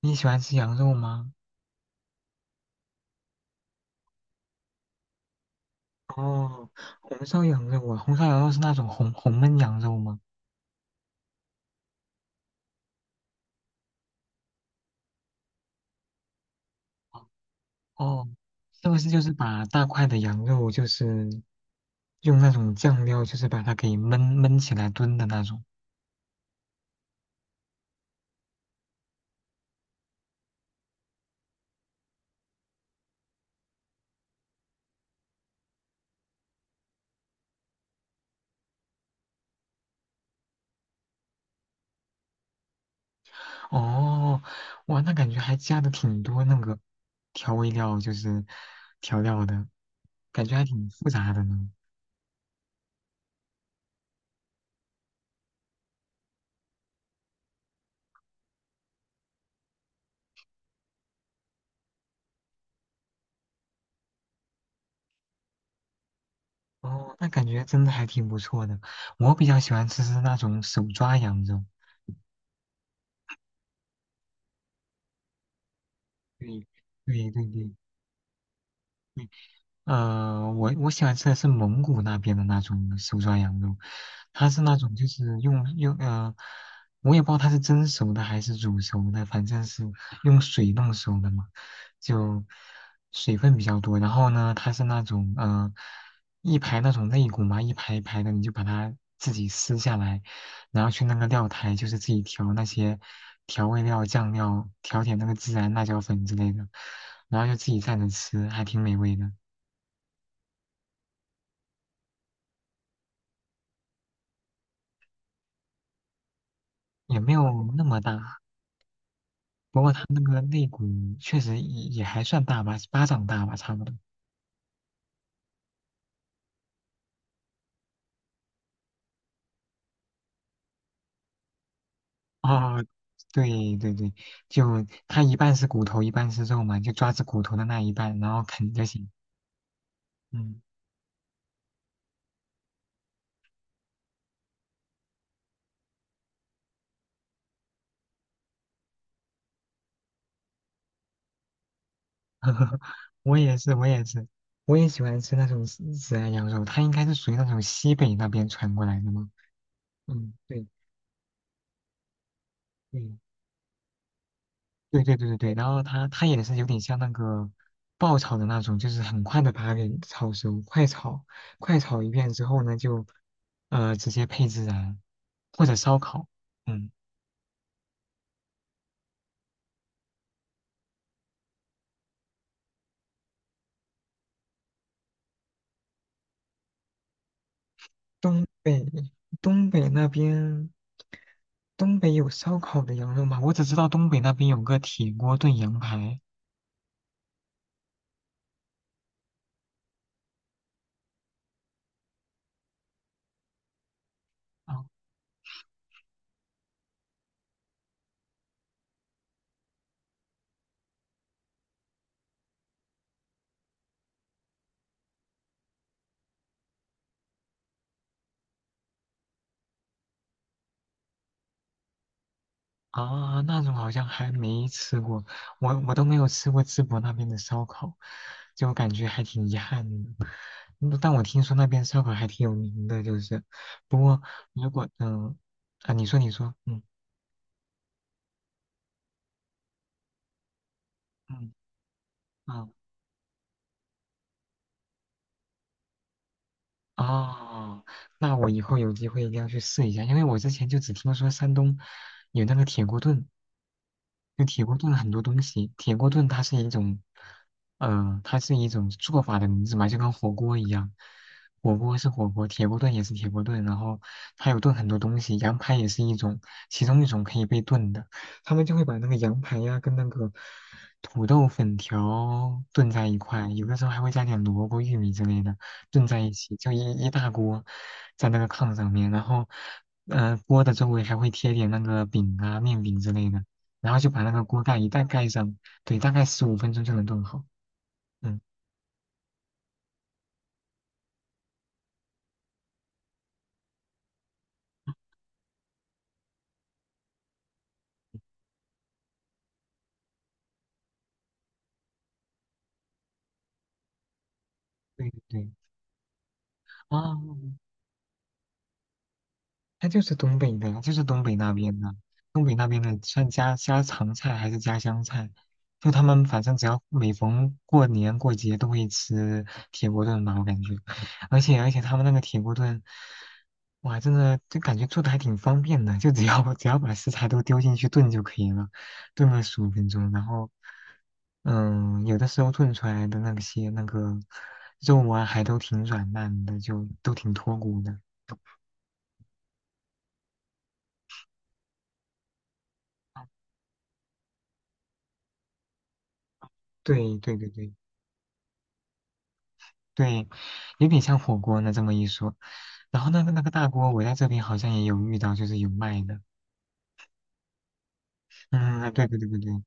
你喜欢吃羊肉吗？哦，红烧羊肉啊，红烧羊肉是那种红焖羊肉吗？哦，是不是就是把大块的羊肉，就是用那种酱料，就是把它给焖起来炖的那种？哦，哇，那感觉还加的挺多那个调味料，就是调料的，感觉还挺复杂的呢。哦，那感觉真的还挺不错的。我比较喜欢吃是那种手抓羊肉。对，对对对，我喜欢吃的是蒙古那边的那种手抓羊肉，它是那种就是用,我也不知道它是蒸熟的还是煮熟的，反正是用水弄熟的嘛，就水分比较多。然后呢，它是那种一排那种肋骨嘛，一排一排的，你就把它自己撕下来，然后去那个料台，就是自己调那些调味料、酱料，调点那个孜然、辣椒粉之类的，然后就自己蘸着吃，还挺美味的。也没有那么大，不过它那个肋骨确实也还算大吧，巴掌大吧，差不多。哦 对对对，就它一半是骨头，一半是肉嘛，就抓着骨头的那一半，然后啃就行。嗯，我也是，我也是，我也喜欢吃那种孜然羊肉，它应该是属于那种西北那边传过来的嘛。嗯，对对，对对对对对，然后它也是有点像那个爆炒的那种，就是很快的把它给炒熟，快炒一遍之后呢，就直接配孜然或者烧烤。嗯，东北东北那边东北有烧烤的羊肉吗？我只知道东北那边有个铁锅炖羊排。啊，那种好像还没吃过，我都没有吃过淄博那边的烧烤，就感觉还挺遗憾的。但我听说那边烧烤还挺有名的，就是，不过如果啊，你说你说，嗯嗯啊。哦，那我以后有机会一定要去试一下，因为我之前就只听说山东有那个铁锅炖，就铁锅炖很多东西。铁锅炖它是一种，它是一种做法的名字嘛，就跟火锅一样。火锅是火锅，铁锅炖也是铁锅炖，然后它有炖很多东西，羊排也是一种，其中一种可以被炖的。他们就会把那个羊排呀、跟那个土豆粉条炖在一块，有的时候还会加点萝卜、玉米之类的。炖在一起，就一大锅在那个炕上面，然后，锅的周围还会贴点那个饼啊、面饼之类的，然后就把那个锅盖一旦盖上，对，大概十五分钟就能炖好。嗯，对对对，啊，它就是东北的，就是东北那边的，东北那边的算家常菜还是家乡菜？就他们反正只要每逢过年过节都会吃铁锅炖吧，我感觉，而且他们那个铁锅炖，哇，真的就感觉做的还挺方便的，就只要 只要把食材都丢进去炖就可以了，炖个十五分钟，然后，嗯，有的时候炖出来的那些那个肉啊，还都挺软烂的，就都挺脱骨的。对对对对，对，有点像火锅呢，这么一说。然后那个大锅，我在这边好像也有遇到，就是有卖的。嗯，对对对对对，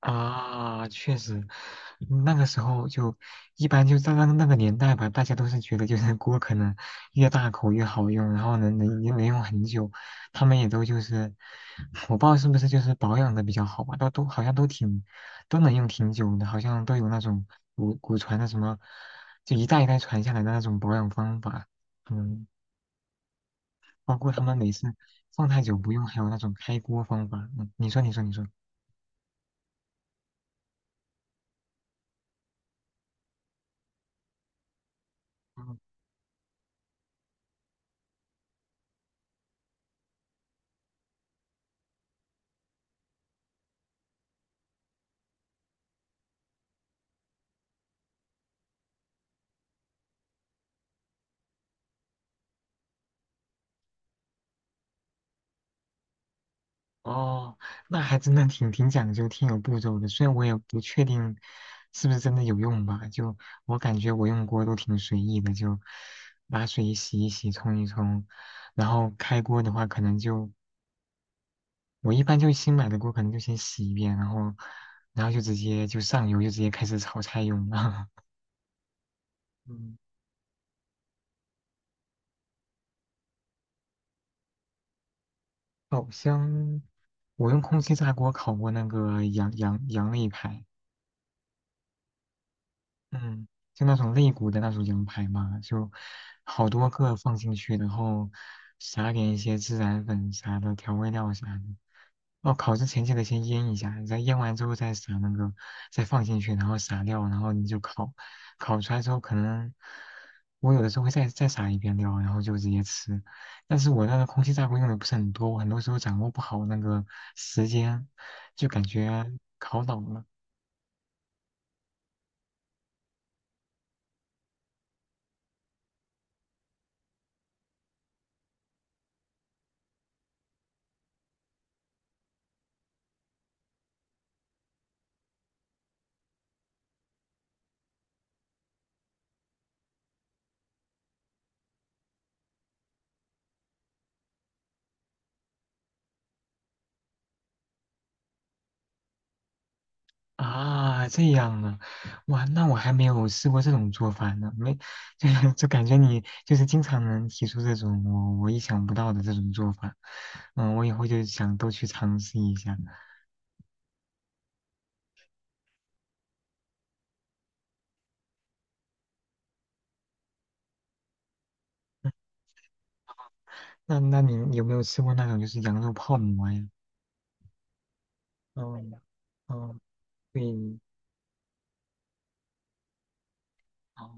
啊，确实，嗯那个时候就一般就在那个年代吧，大家都是觉得就是锅可能越大口越好用，然后能用很久，他们也都就是，我不知道是不是就是保养的比较好吧，都好像都挺都能用挺久的，好像都有那种古传的什么，就一代一代传下来的那种保养方法，嗯，包括他们每次放太久不用，还有那种开锅方法，嗯，你说你说你说，哦，那还真的挺讲究、挺有步骤的。虽然我也不确定是不是真的有用吧，就我感觉我用锅都挺随意的，就拿水洗一洗、冲一冲，然后开锅的话，可能就我一般就新买的锅，可能就先洗一遍，然后就直接就上油，就直接开始炒菜用了。嗯，好箱，我用空气炸锅烤过那个羊肋排。嗯，就那种肋骨的那种羊排嘛，就好多个放进去，然后撒点一些孜然粉啥的调味料啥的。哦，烤之前记得先腌一下，然后腌完之后再撒那个，再放进去，然后撒料，然后你就烤。烤出来之后，可能我有的时候会再撒一遍料，然后就直接吃。但是我那个空气炸锅用的不是很多，我很多时候掌握不好那个时间，就感觉烤老了。啊，这样啊，哇，那我还没有试过这种做法呢，没，就就感觉你就是经常能提出这种我意想不到的这种做法，嗯，我以后就想都去尝试一下。那你有没有吃过那种就是羊肉泡馍呀？嗯嗯，对，哦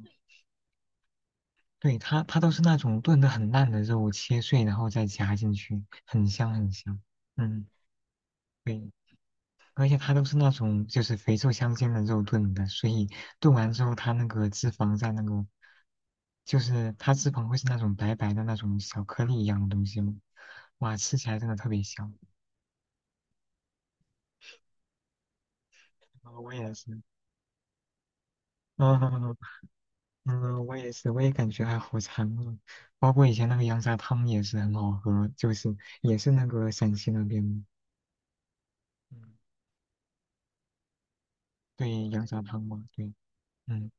对，它都是那种炖的很烂的肉，切碎然后再夹进去，很香很香。嗯，对，而且它都是那种就是肥瘦相间的肉炖的，所以炖完之后，它那个脂肪在那个，就是它脂肪会是那种白白的那种小颗粒一样的东西嘛，哇，吃起来真的特别香。啊我也是，嗯 嗯，我也是，我也感觉还好馋啊。包括以前那个羊杂汤也是很好喝，就是也是那个陕西那边的，嗯，对，羊杂汤嘛，对，嗯。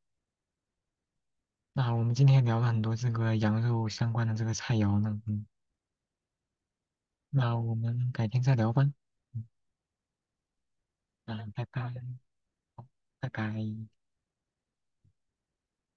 那我们今天聊了很多这个羊肉相关的这个菜肴呢，嗯。那我们改天再聊吧。嗯，那拜拜，拜拜。